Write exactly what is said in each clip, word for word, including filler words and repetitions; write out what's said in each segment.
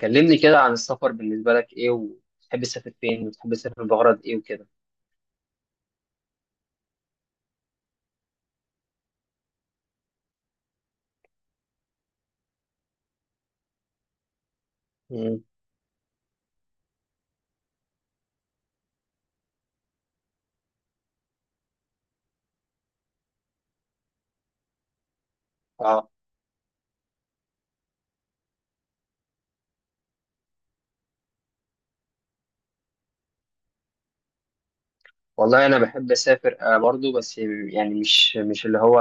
كلمني كده عن السفر. بالنسبة لك إيه وتحب تسافر فين وتحب تسافر بغرض إيه وكده؟ مم. آه، والله أنا بحب أسافر آه برضو، بس يعني مش مش اللي هو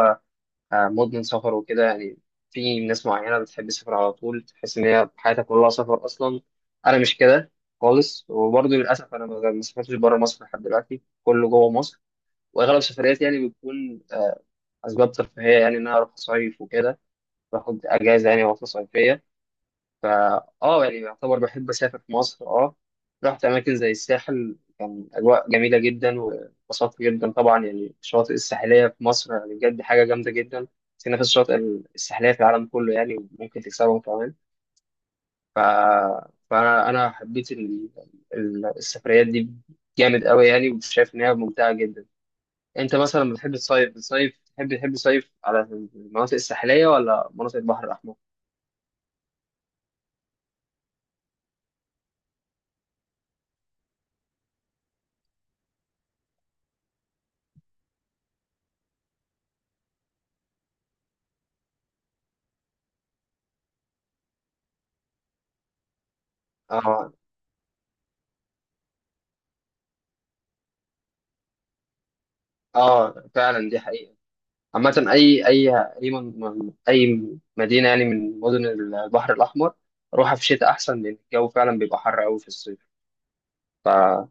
آه مدمن سفر وكده يعني. في ناس معينة بتحب تسافر على طول، تحس إن هي حياتها كلها سفر أصلا. أنا مش كده خالص، وبرضو للأسف أنا ما ما سافرتش بره مصر لحد دلوقتي، كله جوه مصر. وأغلب سفرياتي يعني بتكون آه، أسباب ترفيهية، يعني إن أنا أروح أصيف وكده، باخد أجازة يعني عطلة صيفية. فا اه يعني يعتبر بحب اسافر في مصر. اه رحت اماكن زي الساحل، كان اجواء جميله جدا واتبسطت جدا. طبعا يعني الشواطئ الساحليه في مصر يعني بجد حاجه جامده جدا. سينا في الشواطئ الساحليه في العالم كله يعني، وممكن تكسبهم كمان. ف... فانا انا حبيت ال... ال- السفريات دي جامد قوي يعني، وشايف انها ممتعه جدا. انت مثلا بتحب تصيف، بتصيف تحب تحب تصيف على المناطق الساحليه ولا مناطق البحر الاحمر؟ اه. اه فعلا، دي حقيقه. عامة أي أي أي من من- أي مدينة يعني من مدن البحر الأحمر، روحها في الشتاء أحسن، لأن الجو فعلا بيبقى حر أوي في الصيف. فدي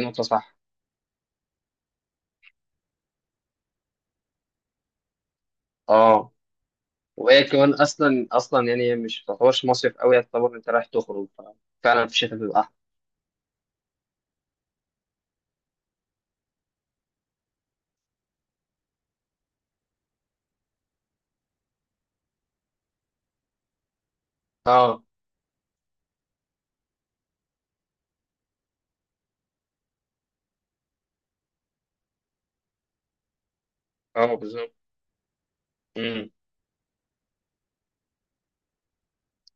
نقطة صح. أه، وهي كمان أصلا أصلا يعني هي مش تعتبرش مصيف أوي، تعتبر أنت رايح تخرج، ففعلا في الشتاء بيبقى أحسن. أه. أه بالظبط. أمم،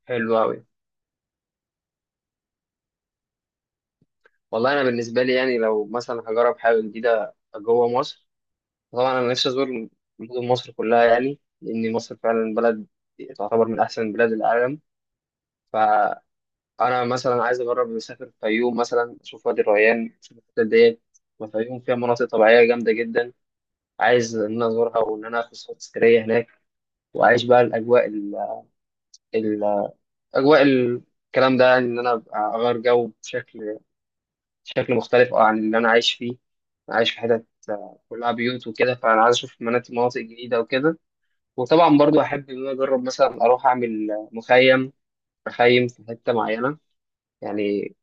حلو أوي. والله أنا بالنسبة لي يعني لو مثلا هجرب حاجة جديدة جوه مصر، طبعا أنا نفسي أزور مدن مصر كلها، يعني لأن مصر فعلا بلد تعتبر من أحسن بلاد العالم. ف انا مثلا عايز اجرب مسافر الفيوم مثلا، اشوف وادي الريان، اشوف الحتت ديت. والفيوم فيها مناطق طبيعيه جامده جدا، عايز ان انا ازورها وان انا اخد صور تذكاريه هناك، واعيش بقى الاجواء ال ال- اجواء ال- الكلام ده، يعني ان انا أبقى اغير جو بشكل بشكل مختلف عن اللي انا عايش فيه. أنا عايش في حتت آه، كلها بيوت وكده، فانا عايز اشوف مناطق مناطق جديده وكده. وطبعا برضو احب ان انا اجرب مثلا اروح اعمل مخيم مخيم في حته معينه يعني،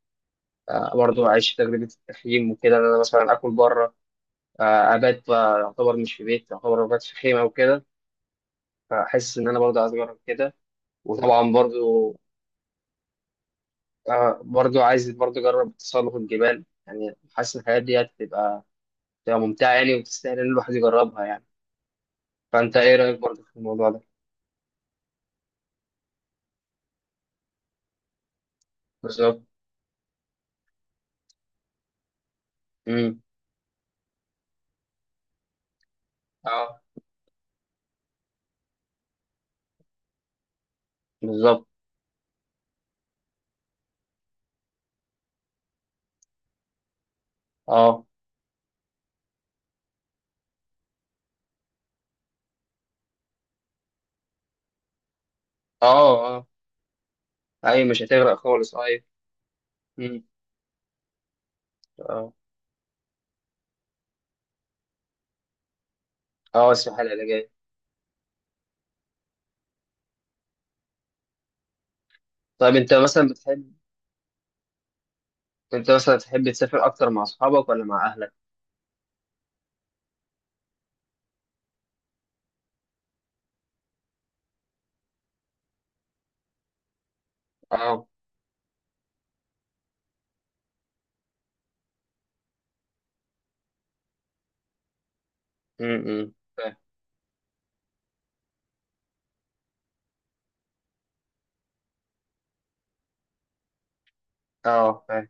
آه، برضه عشت تجربة التخييم وكده، إن أنا مثلا آكل بره، آه، أبات بقى يعتبر مش في بيت، يعتبر أبات في خيمة وكده. فحاسس إن أنا برضه عايز أجرب كده. وطبعا برضه آه، برضه عايز برضه أجرب تسلق الجبال، يعني حاسس إن الحاجات دي هتبقى هتبقى ممتعة يعني، وتستاهل إن الواحد يجربها يعني. فأنت إيه رأيك برضه في الموضوع ده؟ بالظبط. أمم. أه بالظبط. أه. أه. أه. أيوة، مش هتغرق خالص، أيوة. أمم. أه. أه السباحة العلاجية. طيب أنت مثلا بتحب انت مثلا تحب تسافر اكتر مع اصحابك ولا مع اهلك؟ اه. امم فاهم. اه فاهم.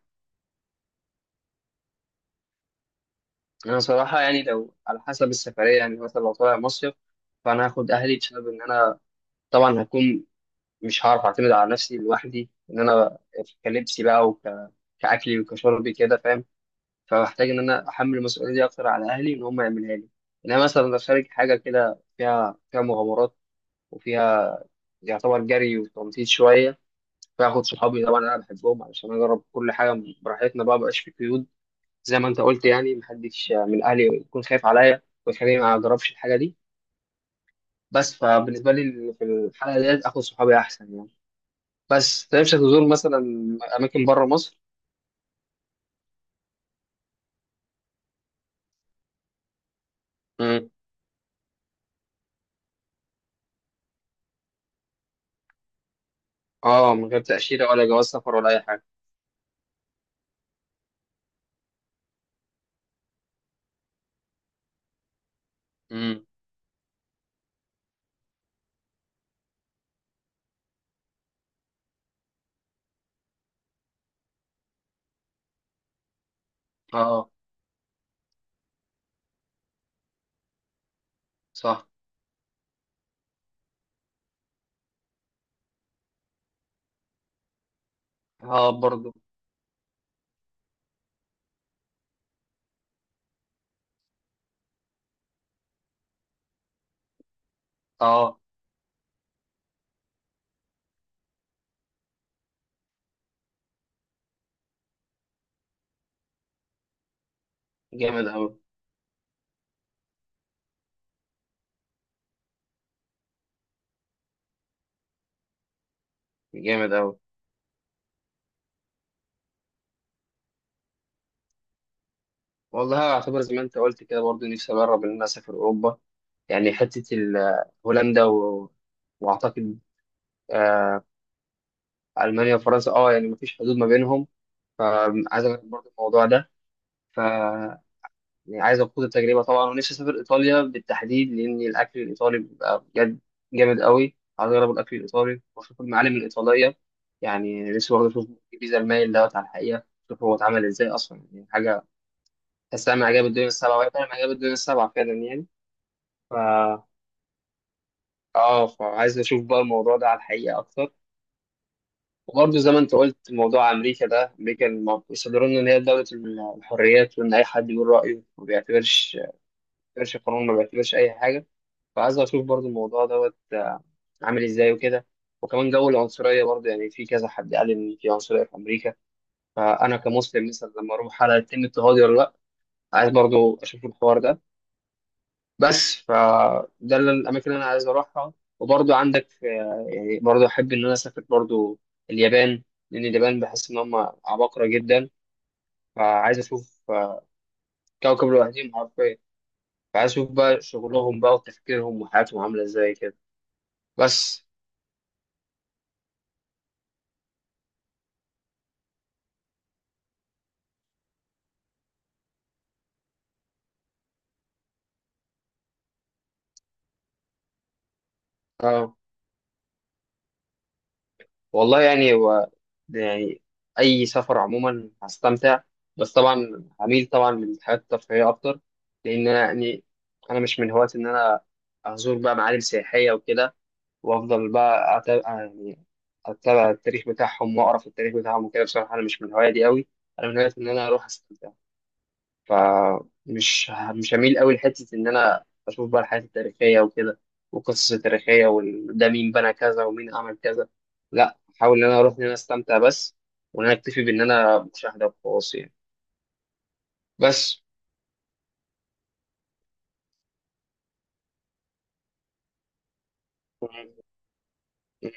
انا صراحه يعني لو على حسب السفريه، يعني مثلا لو طالع مصيف، فانا هاخد اهلي بسبب ان انا طبعا هكون مش هعرف اعتمد على نفسي لوحدي، ان انا كلبسي بقى وك كاكلي وكشربي كده، فاهم؟ فبحتاج ان انا احمل المسؤوليه دي اكتر على اهلي، ان هم يعملها لي. انما مثلا لو خارج حاجه كده فيها فيها مغامرات، وفيها يعتبر جري وتنطيط شويه، فاخد صحابي طبعا انا بحبهم، علشان اجرب كل حاجه براحتنا بقى، مبقاش في قيود. زي ما انت قلت يعني، محدش من اهلي يكون خايف عليا ويخليني ما اجربش الحاجه دي. بس فبالنسبه لي في الحاله ديت اخد صحابي احسن يعني. بس أنت نفسك تزور مثلا اماكن بره مصر؟ امم. اه، من غير تاشيره ولا جواز سفر ولا اي حاجه. امم. اه صح. اه برضو. اه. جامد اوي. جامد اوي. والله اعتبر زي ما انت قلت كده، برضو نفسي اجرب ان انا اسافر اوروبا. يعني حته ال- هولندا و... واعتقد آه، المانيا وفرنسا، اه يعني مفيش حدود ما بينهم. فعايز اجرب برضو الموضوع ده. ف يعني عايز اخوض التجربه طبعا، ونفسي اسافر ايطاليا بالتحديد، لان الاكل الايطالي بيبقى بجد جامد قوي، عايز اجرب الاكل الايطالي واشوف المعالم الايطاليه. يعني نفسي برضه اشوف الجيزه المايل دوت على الحقيقه، اشوف هو اتعمل ازاي اصلا، يعني حاجه تحسها من عجائب الدنيا السبعه، وهي فعلا من عجائب الدنيا السبعه فعلا يعني. ف اه فعايز اشوف بقى الموضوع ده على الحقيقه اكتر. وبرضه زي ما انت قلت موضوع امريكا ده، امريكا الم- بيصدروا لنا ان هي دوله الحريات، وان اي حد بيقول رايه ما بيعتبرش، ما بيعتبرش قانون، ما بيعتبرش اي حاجه. فعايز اشوف برضه الموضوع دوت آه، عامل ازاي وكده. وكمان جو العنصريه برضه، يعني في كذا حد قال ان في عنصريه في امريكا، فانا كمسلم مثلا لما اروح على يتم اضطهادي ولا لا، عايز برضه اشوف الحوار ده. بس فده الاماكن اللي انا عايز اروحها. وبرضو عندك آه، يعني برضو احب ان انا اسافر برضو اليابان، لان اليابان بحس ان هم عباقرة جدا. فعايز اشوف آه، كوكب لوحدهم حرفيا. فعايز اشوف بقى شغلهم بقى وتفكيرهم وحياتهم عاملة ازاي كده. بس اه. والله يعني هو ده يعني اي سفر عموما هستمتع، بس طبعا هميل طبعا للحاجات الترفيهية اكتر، لان انا يعني انا مش من هواة ان انا ازور بقى معالم سياحية وكده، وافضل بقى أتابع يعني اتابع التاريخ بتاعهم واقرا في التاريخ بتاعهم وكده. بصراحه انا مش من الهوايه دي قوي، انا من هوايه ان انا اروح استمتع. فمش ه- مش هميل قوي لحته ان انا اشوف بقى الحاجات التاريخيه وكده، والقصص التاريخيه، وده مين بنى كذا ومين عمل كذا. لا احاول ان انا اروح ان انا استمتع بس، وان انا اكتفي بان انا مشاهده وخلاص يعني. بس م- م-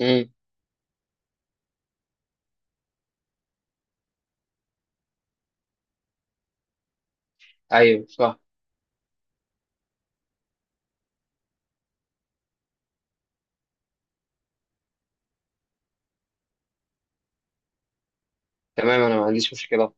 م- ايوه صح. تمام، انا ما عنديش مشكله.